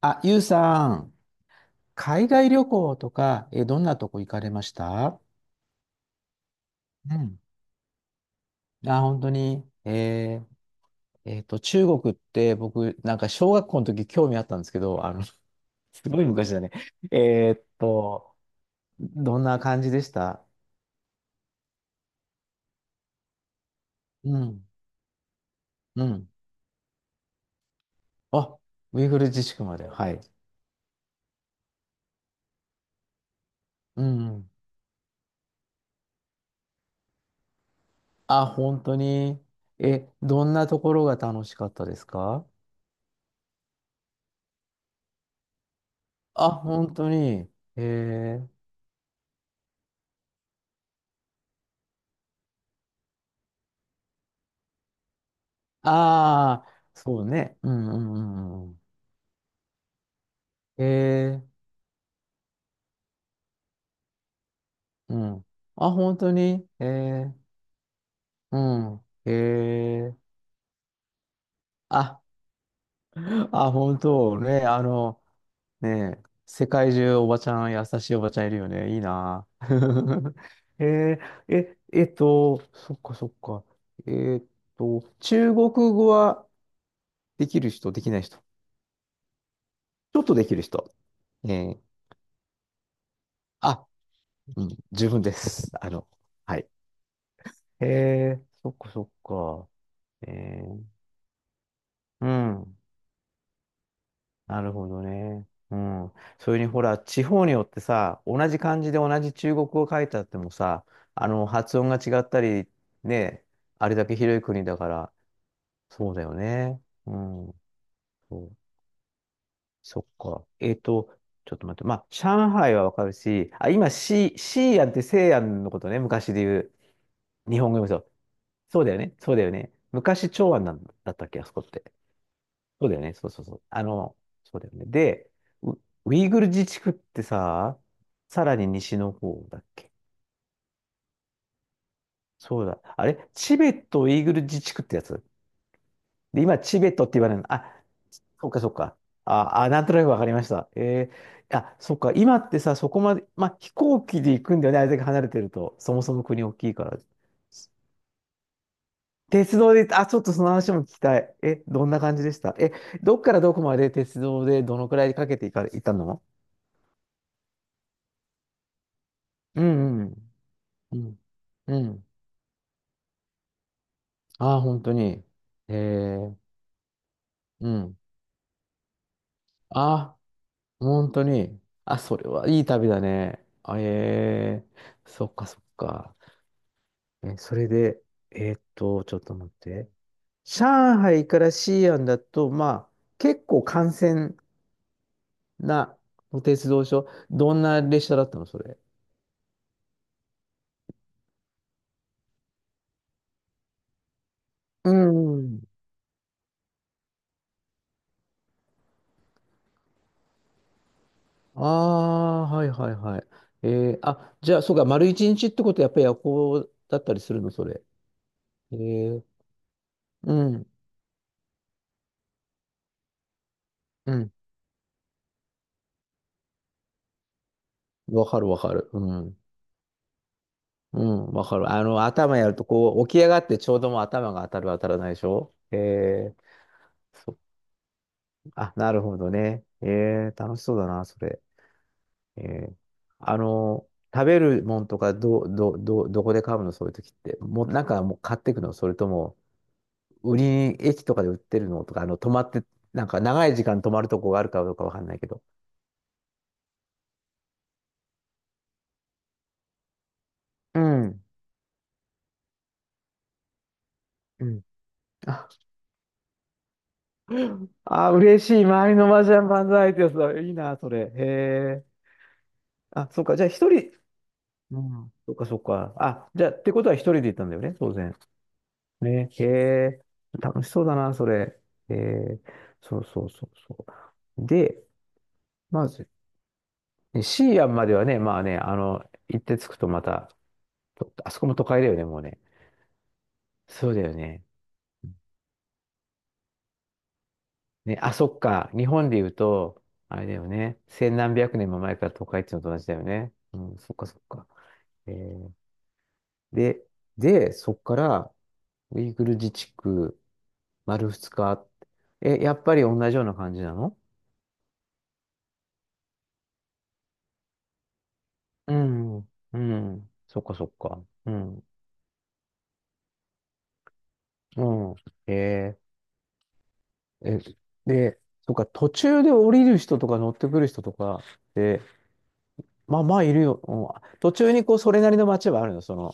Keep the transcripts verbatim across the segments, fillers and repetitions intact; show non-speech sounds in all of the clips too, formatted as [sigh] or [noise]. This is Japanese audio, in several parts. あ、ゆうさん、海外旅行とか、えー、どんなとこ行かれました？うん。あ、本当に。えーえーと、中国って僕、なんか小学校の時興味あったんですけど、あの、[laughs] すごい昔だね。えーっと、どんな感じでした？うん。うん。あ、ウイグル自治区まで。はい。うん。あ、本当に。え、どんなところが楽しかったですか？あ、本当に。えーああ、そうね。うんうんうんうん。へえ、うん。あ、本当に。へえ、うん。へえ、あ、[laughs] あ、本当ね。あの、ね、世界中おばちゃん、優しいおばちゃんいるよね。いいな。[laughs] へえ、え、えっと、そっかそっか。えっと、中国語はできる人、できない人。ちょっとできる人。ねえーあ、うん、十分です。あの、はい。へえ、そっかそっか。えー、うん。なるほどね。うん。それにほら、地方によってさ、同じ漢字で同じ中国語を書いてあってもさ、あの、発音が違ったり、ね、あれだけ広い国だから、そうだよね。うん。そう。そっか。えっと、ちょっと待って。まあ、上海はわかるし、あ、今、シー、シーアンって西安のことね、昔で言う。日本語でもそう。そうだよね。そうだよね。昔、長安なんだったっけ、あそこって。そうだよね。そうそうそう。あの、そうだよね。で、ウ、ウイグル自治区ってさ、さらに西の方だっけ？そうだ。あれチベットウイグル自治区ってやつ？で、今、チベットって言われるの？あ、そっかそっか。あ、あ、なんとなくわかりました。えー、あ、そっか。今ってさ、そこまで、まあ、飛行機で行くんだよね。あれだけ離れてると。そもそも国大きいから。鉄道で、あ、ちょっとその話も聞きたい。え、どんな感じでした？え、どっからどこまで鉄道でどのくらいかけていか、行ったの？うん、うん、うん。うん。ああ、本当に。ええ、うん。ああ、本当に。あ、それはいい旅だね。あ、ええ、そっかそっか。え、それで、えーっと、ちょっと待って。上海から西安だと、まあ、結構幹線なお鉄道所。どんな列車だったの、それ？うん。ああ、はいはいはい。えー、あ、じゃあ、そうか、丸一日ってことはやっぱり夜行だったりするの、それ？えー、うん、うん。わかるわかる。うん。うん、わかる。あの、頭やると、こう、起き上がってちょうどもう頭が当たる当たらないでしょ？えー、そあ、なるほどね。えー、楽しそうだな、それ。えー、あの、食べるもんとか、ど、ど、ど、どこで買うの、そういう時って？もう、なんかもう買ってくの？それとも、売りに、駅とかで売ってるのとか、あの、泊まって、なんか長い時間泊まるとこがあるかどうかわかんないけど。うん。うん。ああ、嬉しい。周りの麻雀万歳ってやつだ。いいな、それ。へえ。あ、そっか。じゃあ、一人。うん。そっか、そっか。あ、じゃあ、ってことは一人で行ったんだよね、当然。ね。へえ。楽しそうだな、それ。へえ。そうそうそうそう。で、まず、ねシーアンまではね、まあね、あの、行って着くとまた、とあそこも都会だよね、もうね。そうだよね。ね、あ、そっか。日本で言うと、あれだよね。千何百年も前から都会っていうのと同じだよね。うん、そっかそっか。えーで、で、そこから、ウイグル自治区、丸二日。え、やっぱり同じような感じなの？うん。うん。そっかそっか。うん。うん。えー、え、で、そっか、途中で降りる人とか乗ってくる人とかって、まあまあいるよ。うん、途中にこう、それなりの街はあるの？その、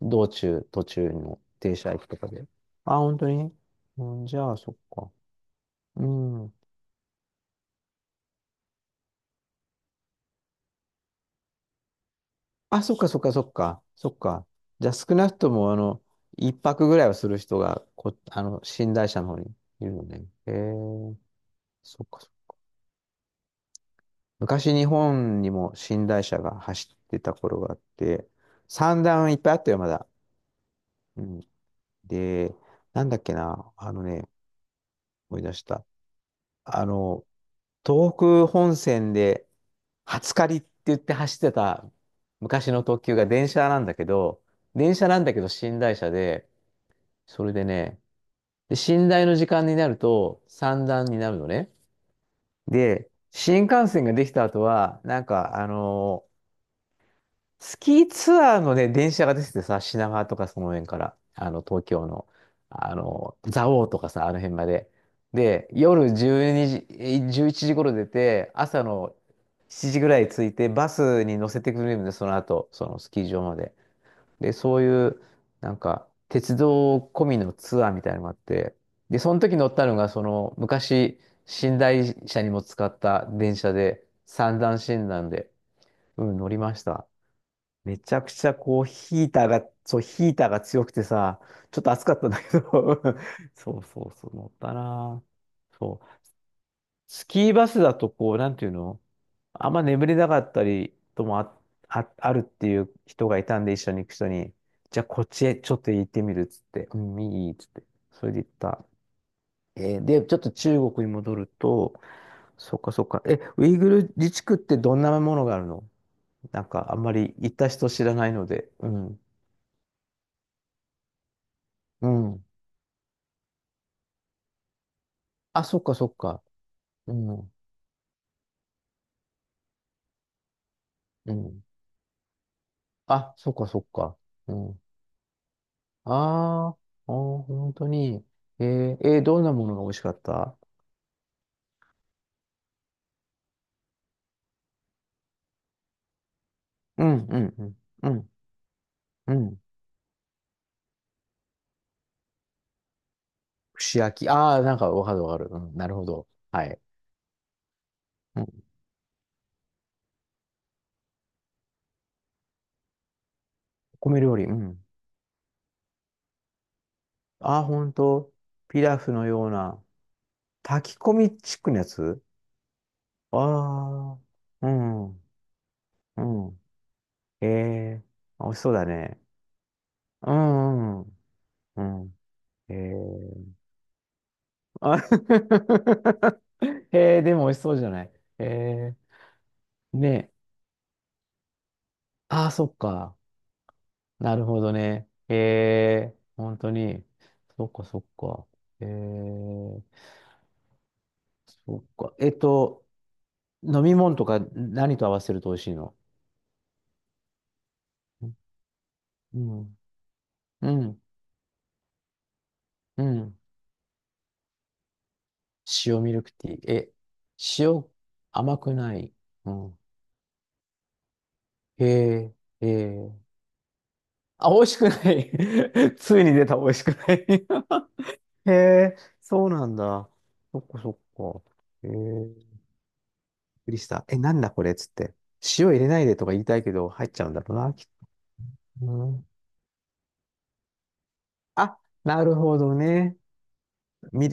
道中、途中の停車駅とかで。あ、本当に。うん、じゃあ、そっか。うん。あ、そっかそっかそっか、そっか。じゃあ少なくとも、あの、一泊ぐらいはする人がこ、あの、寝台車の方にいるのね。へえ、そっかそっか。昔日本にも寝台車が走ってた頃があって、三段いっぱいあったよ、まだ。うん。で、なんだっけな、あのね、思い出した。あの、東北本線で、初借りって言って走ってた昔の特急が電車なんだけど、電車なんだけど寝台車で、それでね、で、寝台の時間になると三段になるのね。で、新幹線ができた後は、なんか、あのースキーツアーのね、電車が出ててさ、品川とかその辺から、あの、東京の、あのー蔵王とかさ、あの辺まで。で、夜じゅうにじ、えーいちじ頃出て、朝のしちじぐらい着いて、バスに乗せてくれるんで、その後、そのスキー場まで。で、そういう、なんか、鉄道込みのツアーみたいなのがあって、で、その時乗ったのが、その、昔、寝台車にも使った電車で、三段診断で、うん、乗りました。めちゃくちゃ、こう、ヒーターが、そう、ヒーターが強くてさ、ちょっと暑かったんだけど、[laughs] そうそうそう、乗ったなぁ。そう。スキーバスだとこう、なんていうの？あんま眠れなかったりともあ、あ、あるっていう人がいたんで、一緒に行く人に、じゃあこっちへちょっと行ってみるっつって、うん、いいっつって、それで行った。えーで、ちょっと中国に戻ると、そっかそっか、え、ウイグル自治区ってどんなものがあるの？なんかあんまり行った人知らないので、うん、うん。あ、そっかそっか、うん、うん。あ、そっかそっか、うん。あーあー、本当に。えー、えーどんなものが美味しかった？うん、うん、うん、うん、うん。串焼き。ああ、なんかわかるわかる。うん、なるほど。はい。うん、米料理。うん。ああ、本当。ピラフのような、炊き込みチックのやつ？ああー、うん、うん。ええー、美味しそうだね。うん、うん、うん。ええー、あ [laughs] えー、でも美味しそうじゃない。ええー、ねえ。ああ、そっか。なるほどね。ええ、本当に。そっかそっか。ええ、そっか。えっと、飲み物とか何と合わせると美味しいの？うん。うん。うん。塩ミルクティー。え、塩、甘くない？うん。ええ、ええ。あ、美味しくない。[laughs] ついに出た、美味しくない。[laughs] へえ、そうなんだ。そっかそっか。へえ、くりした。え、なんだこれっつって。塩入れないでとか言いたいけど、入っちゃうんだろうな、きっとな。あ、なるほどね。み、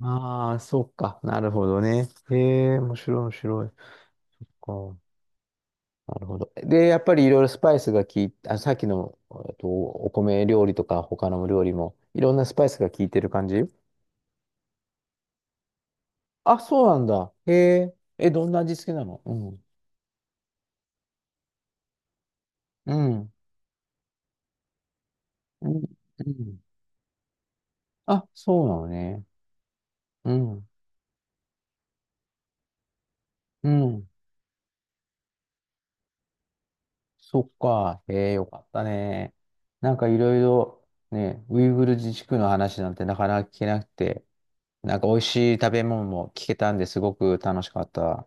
ああ、そうか。なるほどね。へえ、面白い、面白い。そっか。なるほど。で、やっぱりいろいろスパイスが効いて、あ、さっきの、えっと、お米料理とか他の料理も、いろんなスパイスが効いてる感じ？あ、そうなんだ。へえ。え、どんな味付けなの？うん。うん。うん。うん。あ、そうなのね。うん。うん。そっか。ええ、よかったね。なんかいろいろね、ウイグル自治区の話なんてなかなか聞けなくて、なんか美味しい食べ物も聞けたんですごく楽しかった。